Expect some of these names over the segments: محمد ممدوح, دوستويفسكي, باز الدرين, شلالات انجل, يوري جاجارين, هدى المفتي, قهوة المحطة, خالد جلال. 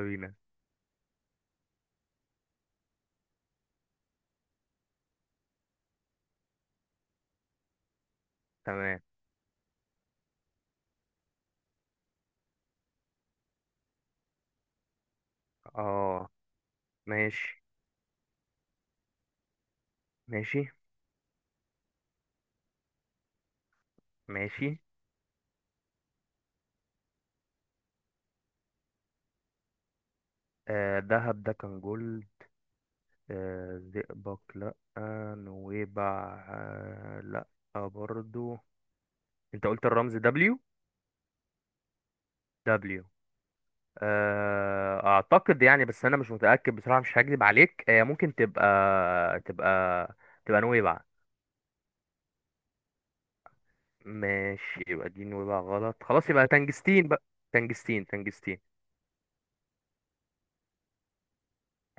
بينا. تمام. اه، ماشي. ماشي. ماشي. دهب ده كان جول. زئبق، لأ. نويبع، لأ. برضو. انت قلت الرمز دبليو؟ دبليو. اعتقد يعني، بس انا مش متأكد بصراحة، مش هكذب عليك. ممكن تبقى تبقى تبقى نويبع. ماشي، يبقى دي نويبع غلط. خلاص يبقى تنجستين بقى. تنجستين، تنجستين.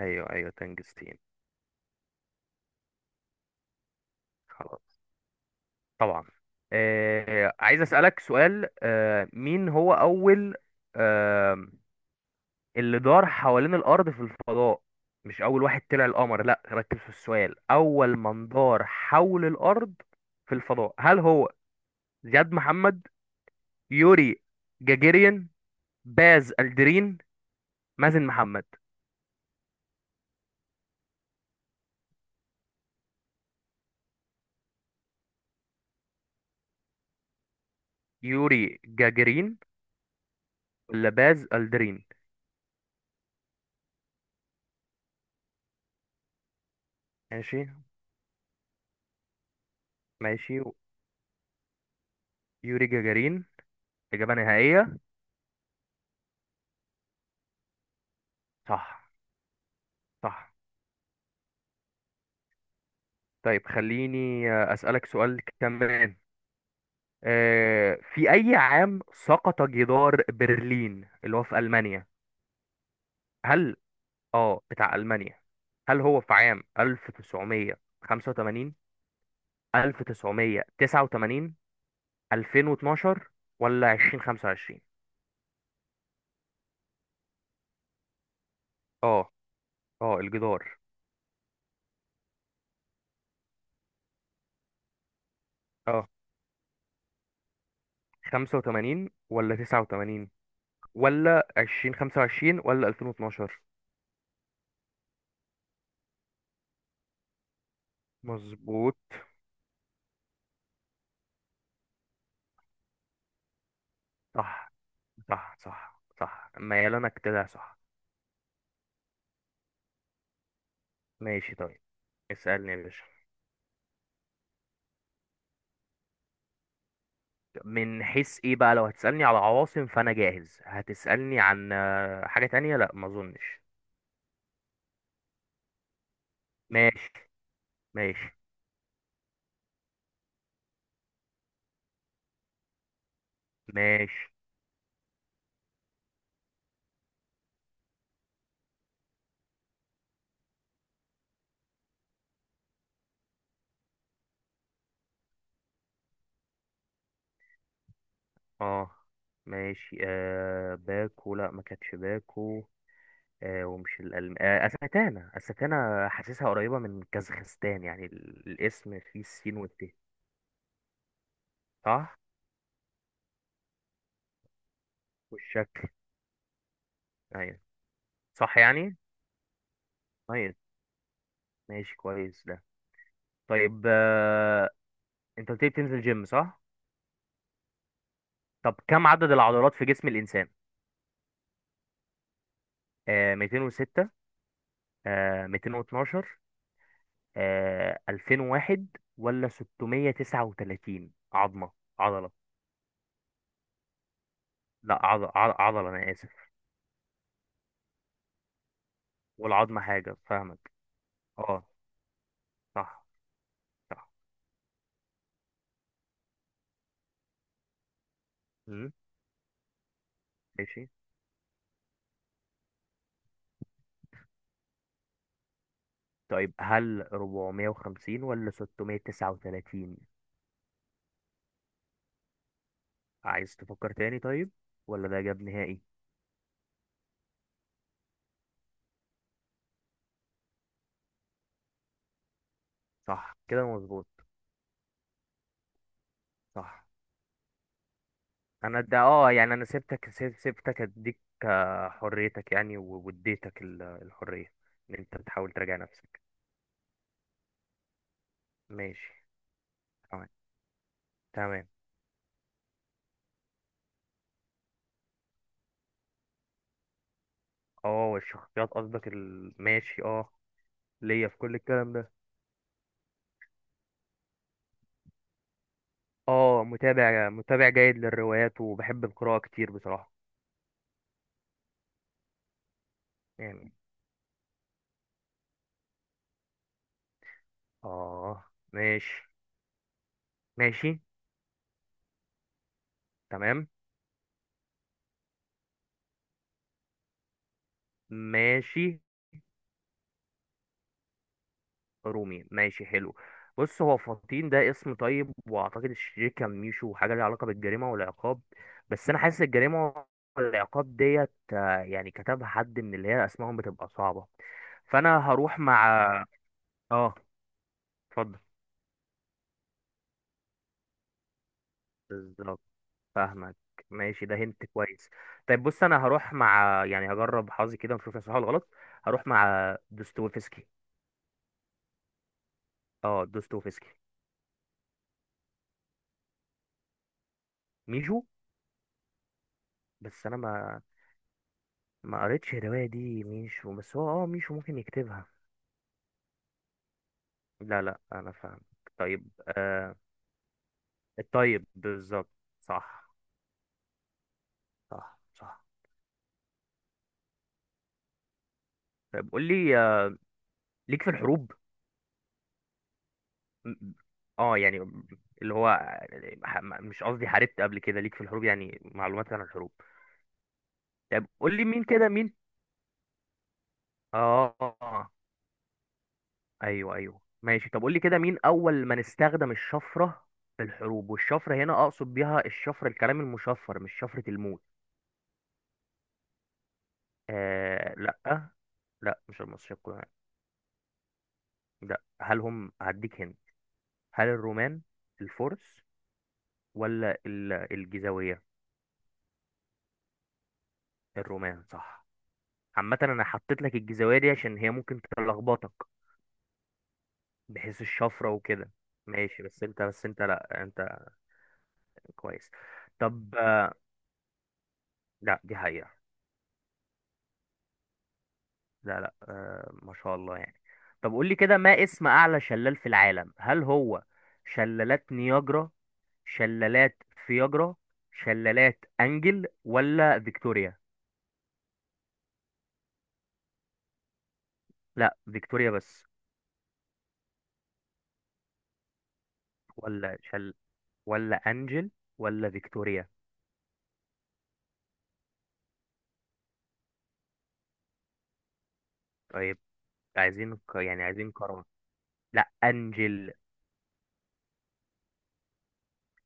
ايوه، ايوه، تنجستين. خلاص. طبعا. عايز اسالك سؤال. مين هو اول آه اللي دار حوالين الارض في الفضاء؟ مش اول واحد طلع القمر، لا، ركز في السؤال. اول من دار حول الارض في الفضاء. هل هو زياد محمد، يوري جاجيرين، باز الدرين، مازن محمد؟ يوري جاجيرين ولا باز الدرين؟ ماشي. ماشي. يوري جاجارين، إجابة نهائية. صح. صح. طيب خليني أسألك سؤال كمان. في أي عام سقط جدار برلين اللي هو في ألمانيا؟ هل، بتاع ألمانيا، هل هو في عام 1985، 1989، 2012، ولا 2025؟ آه. الجدار. آه 85 ولا 89، ولا 2025، ولا 2012؟ مظبوط. صح، صح، صح، صح، ميال انا كده، صح. ماشي طيب. اسألني يا باشا. من حيث ايه بقى؟ لو هتسألني على عواصم فأنا جاهز. هتسألني عن حاجة تانية؟ لا، ما اظنش. ماشي. ماشي. ماشي. اه. ماشي باكو، لا، ما كانتش باكو. ومش الألم. أستانا، أستانا، حاسسها قريبة من كازاخستان. يعني الاسم فيه السين والت. صح، والشكل. ايوه. صح يعني. طيب، ماشي، كويس ده. طيب. انت قلت لي بتنزل جيم، صح؟ طب كم عدد العضلات في جسم الإنسان؟ 206، 212، 2001، ولا 639 عظمة. عضلة. لا، عضلة، أنا آسف. والعظمة حاجة، فاهمك. اه. صح. صح. مم. ماشي. طيب، هل 450 ولا 639؟ عايز تفكر تاني؟ طيب. ولا ده إجابة نهائي؟ صح كده، مظبوط. صح، انا ده اه، يعني انا سبتك، سبتك اديك حريتك يعني، واديتك الحرية، ان انت بتحاول تراجع نفسك. ماشي. تمام، تمام. اه، الشخصيات قصدك ماشي، اه. ليا في كل الكلام ده. اه، متابع جيد للروايات، وبحب القراءة كتير بصراحة. يعني. اه، ماشي. ماشي. تمام. ماشي. رومي، ماشي، حلو. بص، هو فطين ده اسم طيب، واعتقد الشرير كان ميشو، حاجه ليها علاقه بالجريمه والعقاب. بس انا حاسس الجريمه والعقاب ديت، يعني كتبها حد من اللي هي اسمائهم بتبقى صعبه. فانا هروح مع. اه. اتفضل. بالظبط. فاهمك. ماشي، ده هنت كويس. طيب بص، انا هروح مع، يعني هجرب حظي كده ونشوف هي صح ولا غلط. هروح مع دوستويفسكي. اه، دوستويفسكي. ميشو. بس انا ما قريتش الرواية دي، ميشو، بس هو اه، ميشو ممكن يكتبها. لا، لا، انا فاهم. طيب. الطيب بالظبط. صح. صح، صح. طيب قول لي ليك في الحروب؟ م-. م-. اه يعني، اللي هو، ح-، م-، مش قصدي حاربت قبل كده، ليك في الحروب يعني معلومات عن الحروب؟ طيب قول لي مين، كده مين. اه. ايوه، ايوه، ماشي. طب قول لي كده، مين اول من استخدم الشفرة في الحروب؟ والشفرة هنا اقصد بيها الشفرة الكلام المشفر، مش شفرة الموت. لا. لا، مش المصريين القدماء. لا، هل هم هديك هنا. هل الرومان، الفرس، ولا الجيزاوية؟ الرومان، صح. عامة انا حطيت لك الجيزاوية دي عشان هي ممكن تلخبطك، بحيث الشفرة وكده. ماشي. بس انت، لا، انت كويس. طب. لا، دي حقيقة. لا، لا، ما شاء الله يعني. طب قول لي كده، ما اسم اعلى شلال في العالم؟ هل هو شلالات نياجرا، شلالات فياجرا، شلالات انجل، ولا فيكتوريا؟ لا، فيكتوريا بس. ولا شل-، ولا انجل، ولا فيكتوريا. طيب. عايزين يعني عايزين كرم. لا، انجل.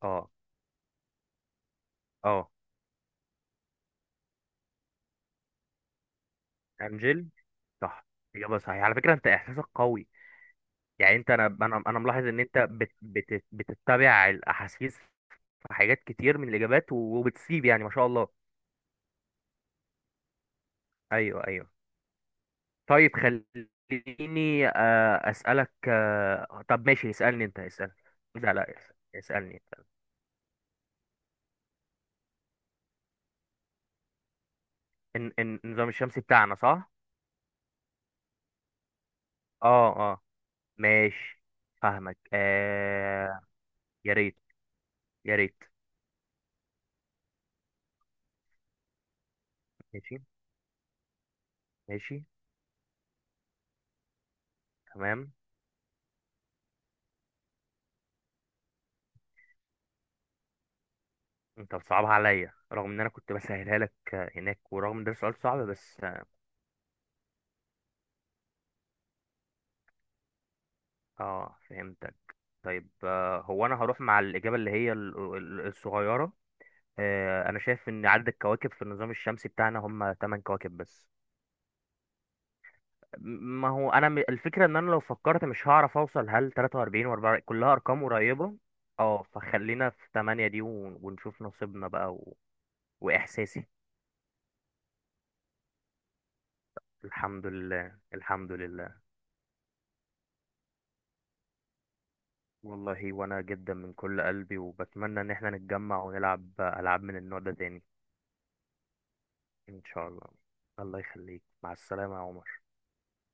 اه. اه، انجل. صح، اجابه صحيحه على فكره. انت احساسك قوي يعني. انت، انا، انا ملاحظ ان انت بت بت بتتبع الاحاسيس في حاجات كتير من الاجابات، وبتسيب يعني. ما شاء الله. ايوه، ايوه. طيب خليني أسألك. طب ماشي، اسألني أنت. اسألني. لا، لا، اسألني. النظام الشمسي بتاعنا، صح؟ اه، اه. ماشي. فاهمك. آه. يا ريت، يا ريت. ماشي. ماشي. تمام. انت بتصعبها عليا، رغم ان انا كنت بسهلها لك. هناك، ورغم ان ده سؤال صعب، بس اه. فهمتك. طيب، هو انا هروح مع الاجابه اللي هي الصغيره. انا شايف ان عدد الكواكب في النظام الشمسي بتاعنا هم 8 كواكب بس. م-. ما هو انا، م-، الفكره ان انا لو فكرت مش هعرف اوصل. هل 43 و4 كلها ارقام قريبه؟ اه، فخلينا في 8 دي ونشوف نصيبنا بقى، و... واحساسي. الحمد لله، الحمد لله. والله، وانا جدا من كل قلبي، وبتمنى ان احنا نتجمع ونلعب العاب من النوع ده تاني. ان شاء الله. الله يخليك. مع السلامه يا عمر.